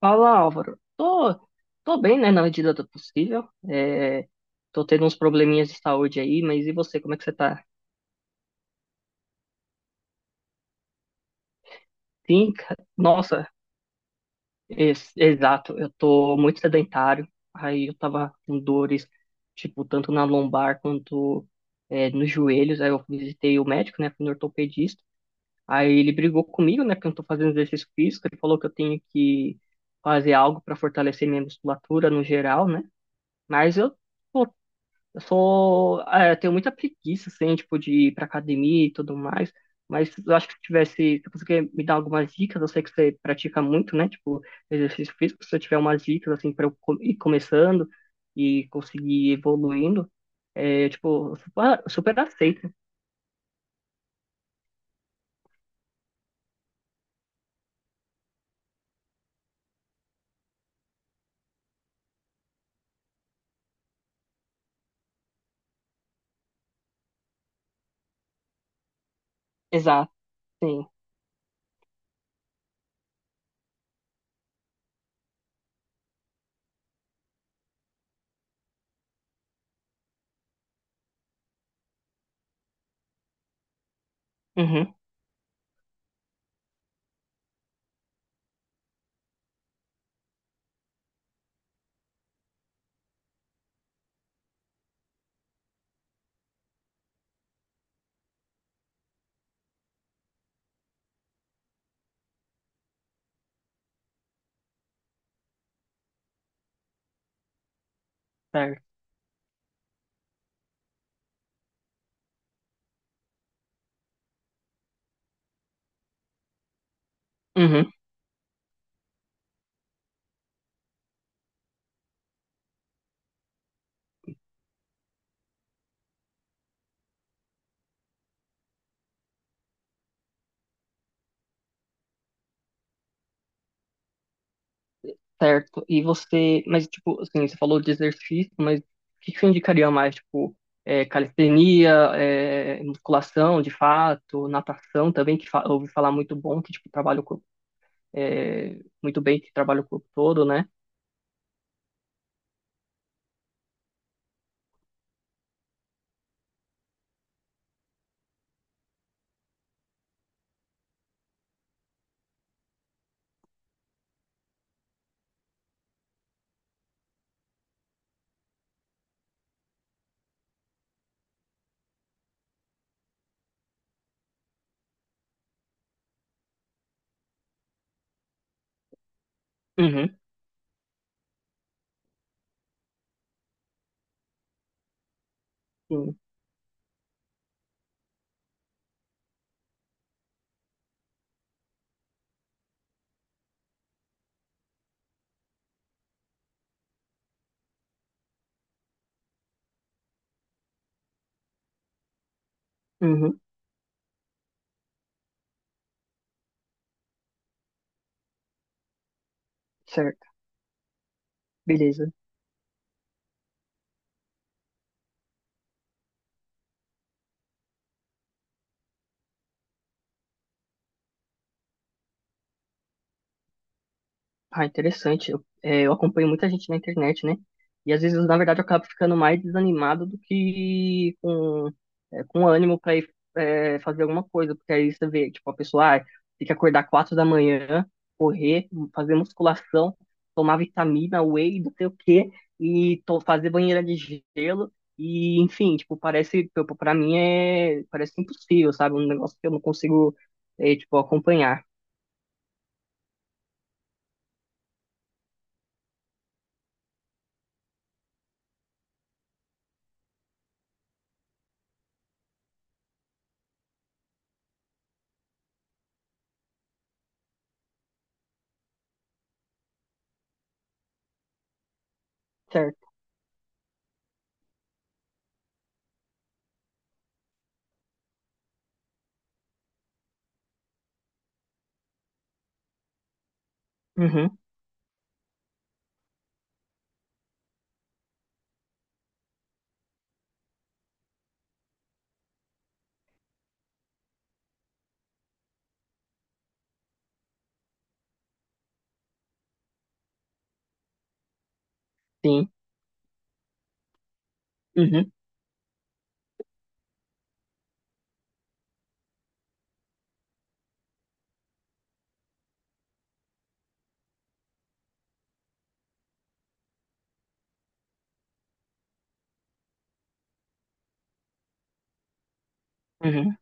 Fala, Álvaro. Tô bem, né, na medida do possível. Tô tendo uns probleminhas de saúde aí, mas e você, como é que você tá? Sim, nossa, exato. Eu tô muito sedentário. Aí eu tava com dores, tipo, tanto na lombar quanto nos joelhos. Aí eu visitei o médico, né, fui no ortopedista. Aí ele brigou comigo, né, porque eu não tô fazendo exercício físico. Ele falou que eu tenho que fazer algo para fortalecer minha musculatura no geral, né? Mas eu pô, eu tenho muita preguiça, assim, tipo, de ir pra academia e tudo mais. Mas eu acho que se você quer me dar algumas dicas, eu sei que você pratica muito, né? Tipo, exercício físico, se eu tiver umas dicas, assim, pra eu ir começando e conseguir ir evoluindo, tipo, eu super, super aceito. Exato, sim. Uhum, certo. Uhum. Certo. E você, mas tipo, assim, você falou de exercício, mas o que que você indicaria mais? Tipo, calistenia, musculação, de fato, natação também, que fa eu ouvi falar muito bom, que tipo, trabalha o corpo, muito bem, que trabalha o corpo todo, né? Uhum, sim. Uhum, certo. Beleza. Ah, interessante. Eu acompanho muita gente na internet, né? E às vezes, na verdade, eu acabo ficando mais desanimado do que com ânimo pra ir fazer alguma coisa. Porque aí você vê, tipo, a pessoa ah, tem que acordar 4 da manhã, correr, fazer musculação, tomar vitamina, whey, não sei o quê, e fazer banheira de gelo. E, enfim, tipo, parece, tipo, pra mim parece impossível, sabe? Um negócio que eu não consigo, tipo, acompanhar. Certo. Uhum, sim. Uhum, uhum.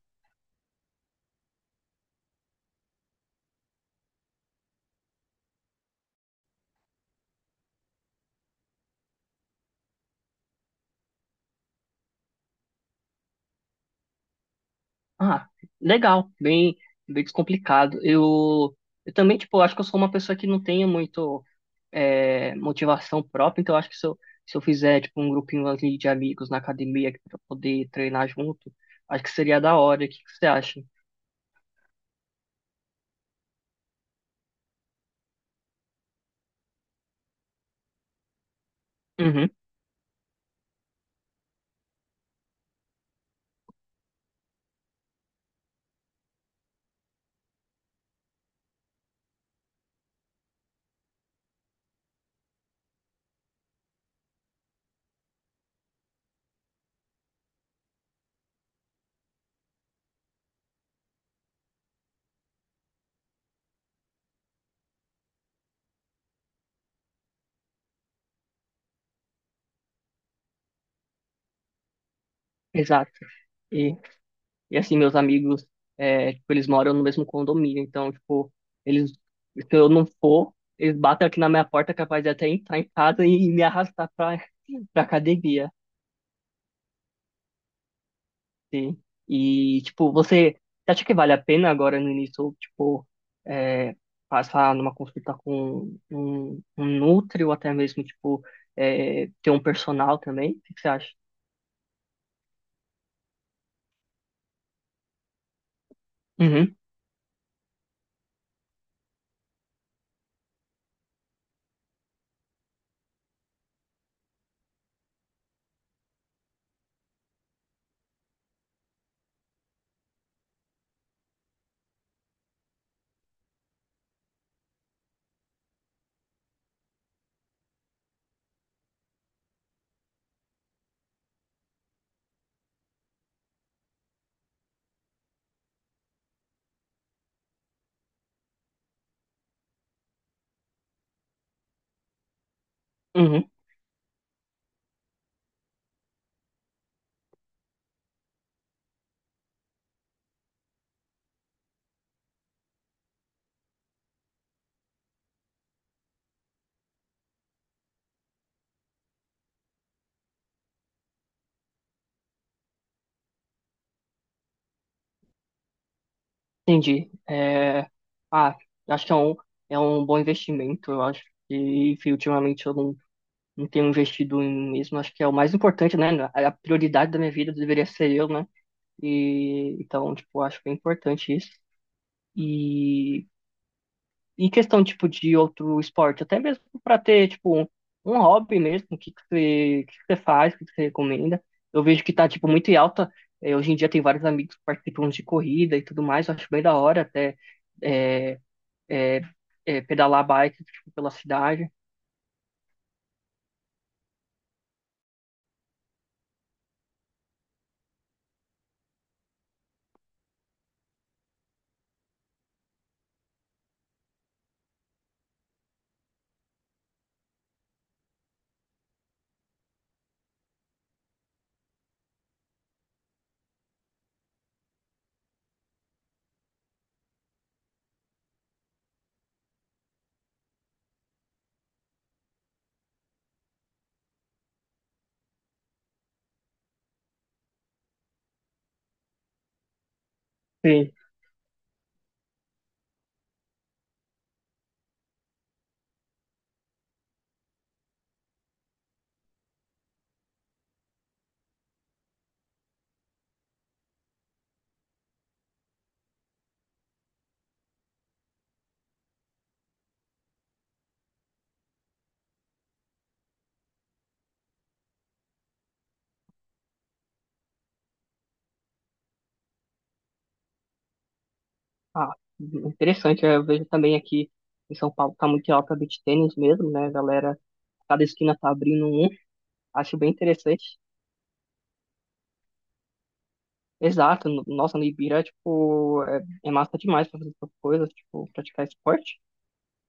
Ah, legal, bem, bem descomplicado. Eu também, tipo, acho que eu sou uma pessoa que não tenho muito motivação própria, então eu acho que se eu fizer, tipo, um grupinho ali de amigos na academia para poder treinar junto, acho que seria da hora. O que que você acha? Uhum, exato. E, e assim, meus amigos, tipo, eles moram no mesmo condomínio, então, tipo, eles, se eu não for, eles batem aqui na minha porta, capaz de até entrar em casa e me arrastar pra, pra academia. Sim. E, tipo, você acha que vale a pena agora no início, tipo, é, passar numa consulta com um nutri ou até mesmo, tipo, é, ter um personal também? O que que você acha? Uhum, uhum, entendi. É, ah, acho que é um bom investimento, eu acho. E, enfim, ultimamente eu não tenho investido em mim mesmo, acho que é o mais importante, né? A prioridade da minha vida deveria ser eu, né? E, então, tipo, acho que é importante isso. E em questão, tipo, de outro esporte, até mesmo para ter, tipo, um hobby mesmo, o que que você faz, o que que você recomenda. Eu vejo que tá, tipo, muito em alta. Hoje em dia tem vários amigos que participam de corrida e tudo mais, eu acho bem da hora até eh, eh, pedalar bike, tipo, pela cidade. Sim. Ah, interessante, eu vejo também aqui em São Paulo tá muito em alta beach tênis mesmo, né, galera? Cada esquina tá abrindo um, acho bem interessante. Exato, nossa, no Ibira, tipo, é massa demais pra fazer essas coisas, tipo, praticar esporte.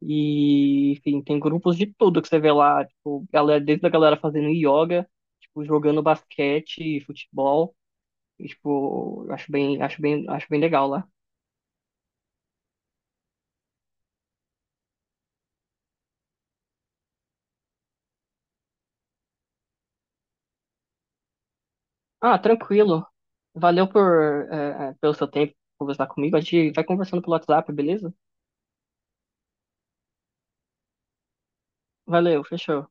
E, enfim, tem grupos de tudo que você vê lá, tipo, galera, desde a galera fazendo yoga, tipo, jogando basquete, futebol, e, tipo, eu acho bem legal lá. Ah, tranquilo. Valeu pelo seu tempo conversar comigo. A gente vai conversando pelo WhatsApp, beleza? Valeu, fechou.